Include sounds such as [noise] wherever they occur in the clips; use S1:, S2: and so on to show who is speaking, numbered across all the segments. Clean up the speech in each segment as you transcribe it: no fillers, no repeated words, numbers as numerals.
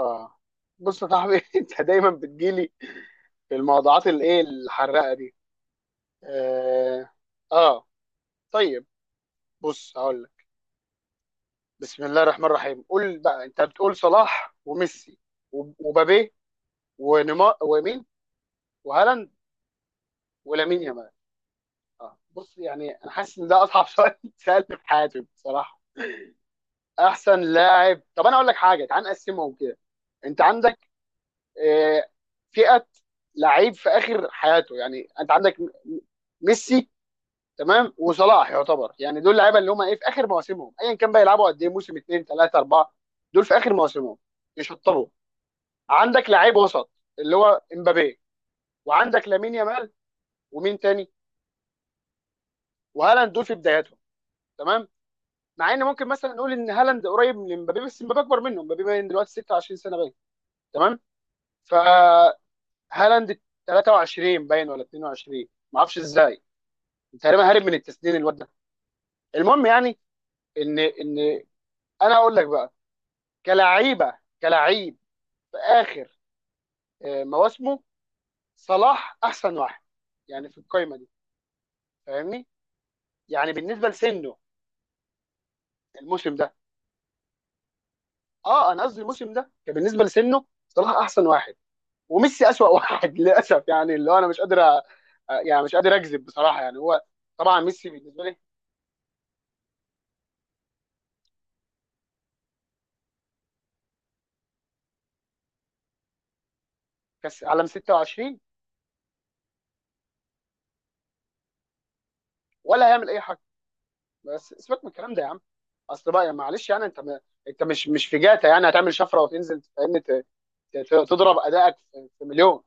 S1: اه بص يا صاحبي [laughs] انت دايما بتجيلي في الموضوعات الايه الحراقه دي. اه, آه. طيب، بص هقول لك. بسم الله الرحمن الرحيم. قول بقى، انت بتقول صلاح وميسي ومبابي ونيمار ومين، وهالاند ولامين يامال. اه بص، يعني انا حاسس ان ده اصعب سؤال [laughs] اتسالت في حياتي بصراحه. احسن لاعب؟ طب انا اقول لك حاجه، تعال نقسمهم كده. انت عندك آه فئه لعيب في اخر حياته. يعني انت عندك ميسي، تمام، وصلاح. يعتبر يعني دول لعيبه اللي هم ايه، في اخر مواسمهم ايا كان بقى، يلعبوا قد ايه، موسم اثنين ثلاثه اربعه، دول في اخر مواسمهم يشطبوا. عندك لعيب وسط اللي هو امبابي، وعندك لامين يامال ومين تاني وهالاند، دول في بداياتهم. تمام. مع ان ممكن مثلا نقول ان هالاند قريب من امبابي، بس امبابي اكبر منه. امبابي باين دلوقتي 26 سنه باين. تمام. فهالاند 23 باين ولا 22، ما اعرفش ازاي، تقريبا هارب من التسنين الواد ده. المهم يعني ان انا اقول لك بقى، كلعيبه، كلعيب في اخر مواسمه، صلاح احسن واحد يعني في القايمه دي، فاهمني؟ يعني بالنسبه لسنه الموسم ده. اه انا قصدي الموسم ده كان بالنسبه لسنه صلاح احسن واحد، وميسي اسوأ واحد [laughs] للاسف يعني، اللي هو انا مش قادر يعني مش قادر اكذب بصراحه، يعني هو. طبعا ميسي بالنسبه لي كاس عالم 26 ولا هيعمل اي حاجه، بس سيبك من الكلام ده يا عم. اصل بقى يعني معلش، يعني انت انت مش في جاتا يعني هتعمل شفره وتنزل، فاهمني؟ تضرب ادائك في مليون.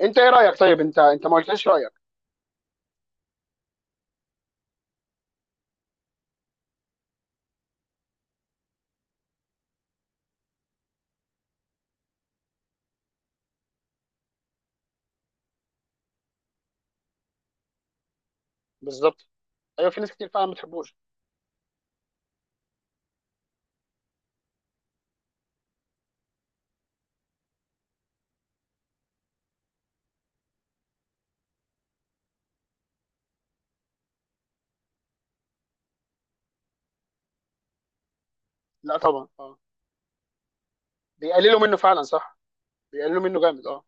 S1: انت ايه رايك طيب؟ انت ما قلتليش رايك. بالظبط. ايوه في ناس كتير فعلا ما بتحبوش. لا طبعا. اه بيقللوا منه فعلا، صح، بيقللوا منه جامد. اه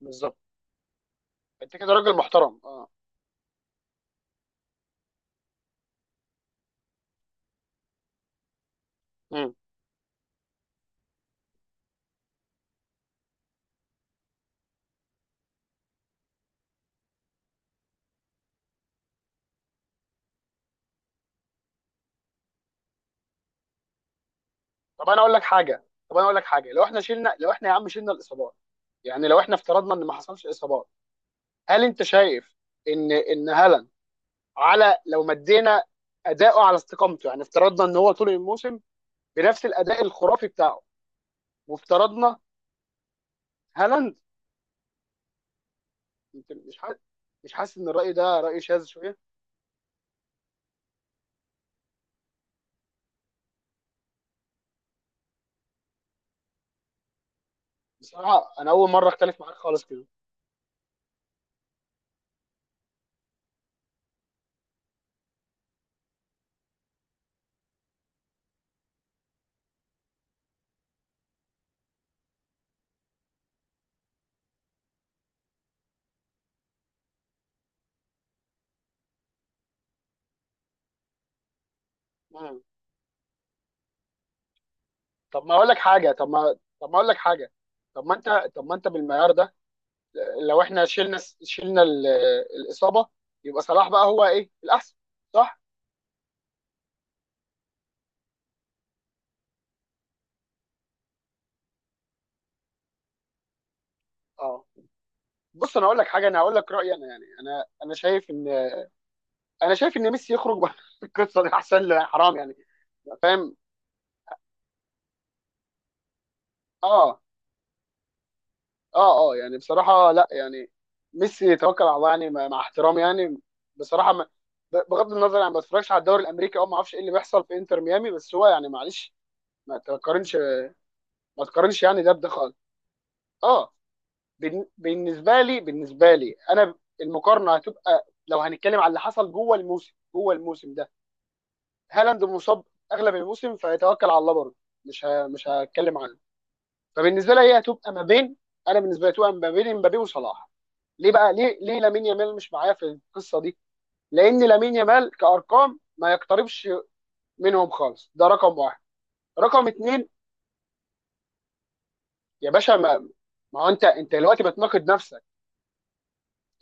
S1: بالظبط. انت كده راجل محترم. اه امم طب انا اقول لك حاجه. طب انا اقول لك حاجه لو احنا شلنا لو احنا يا عم شلنا الاصابات، يعني لو احنا افترضنا ان ما حصلش اصابات، هل انت شايف ان هالاند، على لو مدينا اداؤه على استقامته، يعني افترضنا ان هو طول الموسم بنفس الاداء الخرافي بتاعه، وافترضنا هالاند، انت مش حاسس؟ مش حاسس ان الراي ده راي شاذ شويه؟ بصراحه انا اول مره اختلف معاك خالص كده. مم. طب ما اقول لك حاجه. طب ما طب ما اقول لك حاجه طب ما انت طب ما انت بالمعيار ده، لو احنا شلنا، شلنا ال- الاصابه، يبقى صلاح بقى هو ايه؟ الاحسن، صح. اه بص انا اقول لك حاجه، انا هقول لك رايي انا، يعني انا شايف ان ميسي يخرج بره [laughs] القصه دي، احسن له، حرام يعني، فاهم؟ اه اه يعني بصراحه، لا يعني، ميسي يتوكل على الله يعني، مع احترامي يعني. بصراحه ما ب- بغض النظر يعني، ما بتفرجش على الدوري الامريكي او ما اعرفش ايه اللي بيحصل في انتر ميامي، بس هو يعني معلش، ما تقارنش، ما تقارنش، يعني ده بده خالص. اه بالنسبه لي، بالنسبه لي انا، المقارنه هتبقى لو هنتكلم على اللي حصل جوه الموسم، جوه الموسم ده هالاند مصاب اغلب الموسم، فيتوكل على الله برضه، مش هتكلم عنه. فبالنسبه لي هي هتبقى ما بين، انا بالنسبه لي هتبقى ما بين امبابي وصلاح. ليه بقى؟ ليه ليه لامين يامال مش معايا في القصه دي؟ لان لامين يامال كارقام ما يقتربش منهم خالص، ده رقم واحد، رقم اتنين. يا باشا ما هو انت دلوقتي بتناقض نفسك،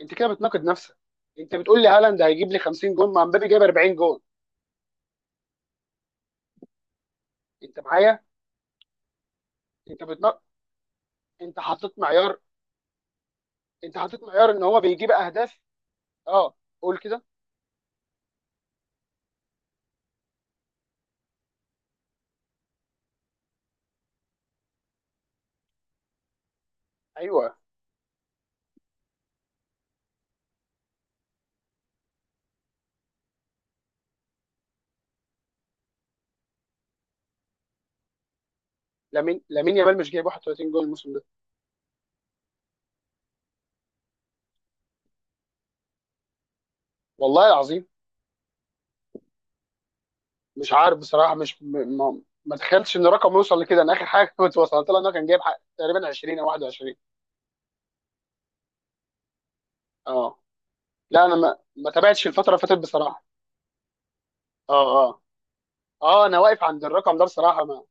S1: انت كده بتناقض نفسك. انت بتقول لي هالاند هيجيب لي 50 جون مع مبابي جايب 40 جون، انت معايا؟ انت بتناقض، انت حطيت معيار، انت حطيت معيار ان هو بيجيب اهداف. اه قول كده. ايوه، لامين يامال مش جايب 31 جون الموسم ده؟ والله العظيم مش عارف بصراحه، مش م- ما ما تخيلتش ان الرقم يوصل لكده، انا اخر حاجه كنت وصلت لها ان انا كان جايب حق تقريبا 20 او 21. اه لا انا ما تابعتش الفتره اللي فاتت بصراحه. اه اه اه انا واقف عند الرقم ده بصراحه. ما،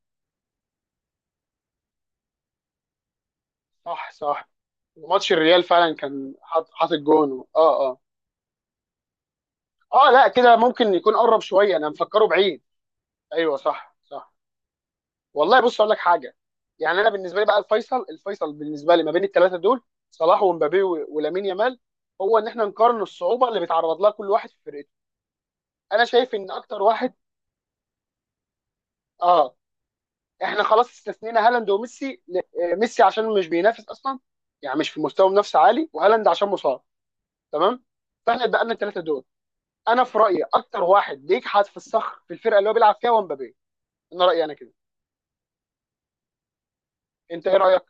S1: صح صح، ماتش الريال فعلا كان حاطط جون. اه اه لا كده ممكن يكون قرب شويه، انا مفكره بعيد. ايوه صح صح. والله بص اقول لك حاجه، يعني انا بالنسبه لي بقى، الفيصل، الفيصل بالنسبه لي ما بين الثلاثه دول، صلاح ومبابي ولامين يامال، هو ان احنا نقارن الصعوبه اللي بيتعرض لها كل واحد في فرقته. انا شايف ان اكتر واحد، اه احنا خلاص استثنينا هالاند وميسي ميسي عشان مش بينافس اصلا يعني، مش في مستوى منافسه عالي، وهالاند عشان مصاب، تمام. فاحنا اتبقى الثلاثه دول. انا في رايي اكتر واحد بيجحد في الصخر في الفرقه اللي هو بيلعب فيها هو مبابي، انا رايي انا كده. انت ايه رايك؟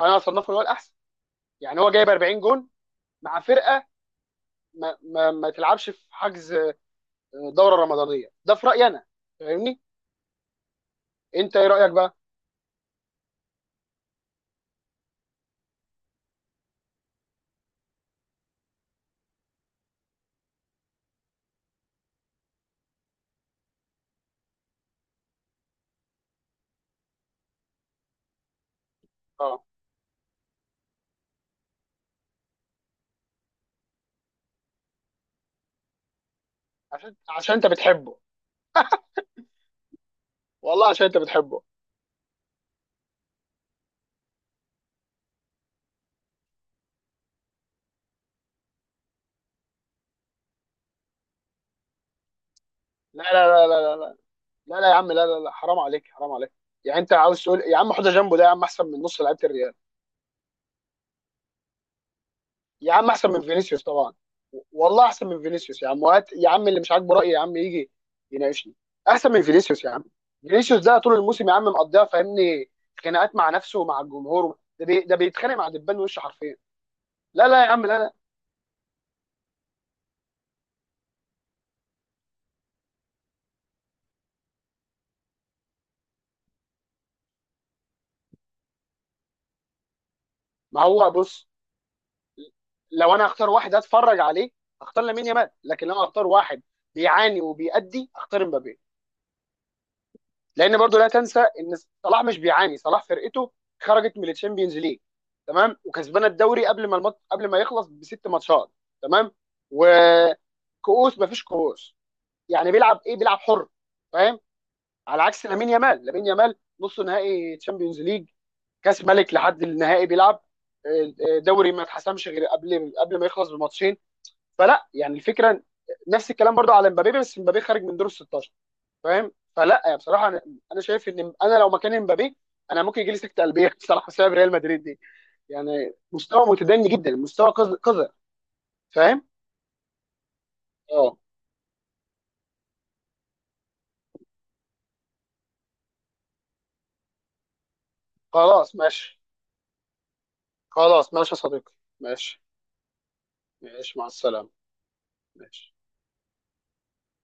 S1: انا اصنفه هو الاحسن، يعني هو جايب 40 جون مع فرقه ما تلعبش في حجز دوره رمضانيه ده، في رايي انا، فاهمني؟ انت ايه رايك بقى؟ اه عشان، عشان انت بتحبه، والله عشان انت بتحبه. لا لا لا لا لا لا يا عم، لا لا لا حرام عليك، حرام عليك، يعني انت عاوز تقول يا عم حوضه جنبه ده يا عم احسن من نص لعيبه الريال؟ يا عم احسن من فينيسيوس طبعا، والله احسن من فينيسيوس يا عم، وهات يا عم اللي مش عاجبه رايي يا عم يجي يناقشني. احسن من فينيسيوس يا عم، فينيسيوس ده طول الموسم يا عم مقضيها، فاهمني، خناقات مع نفسه ومع الجمهور، ده بيتخانق مع دبان وشه حرفيا. لا لا يا عم لا لا ما هو بص، لو انا اختار واحد اتفرج عليه اختار لامين يامال، لكن لو انا اختار واحد بيعاني وبيأدي اختار مبابي، لان برضو لا تنسى ان صلاح مش بيعاني، صلاح فرقته خرجت من الشامبيونز ليج، تمام، وكسبانه الدوري قبل ما المط... قبل ما يخلص بست ماتشات، تمام، وكؤوس مفيش كؤوس، يعني بيلعب ايه؟ بيلعب حر، فاهم؟ على عكس لامين يامال، لامين يامال نص نهائي تشامبيونز ليج، كاس ملك لحد النهائي بيلعب، دوري ما اتحسمش غير قبل ما يخلص بماتشين. فلا يعني الفكره، نفس الكلام برضه على مبابي، بس مبابي خارج من دور ال 16، فاهم؟ فلا يعني بصراحه انا شايف ان انا لو مكان مبابي انا ممكن يجي لي سكته قلبيه [laughs] بصراحه، بسبب ريال مدريد دي، يعني مستوى متدني جدا، مستوى قذر، فاهم؟ اه خلاص ماشي. خلاص ماشي يا صديقي. ماشي، ماشي، مع السلامه، ماشي.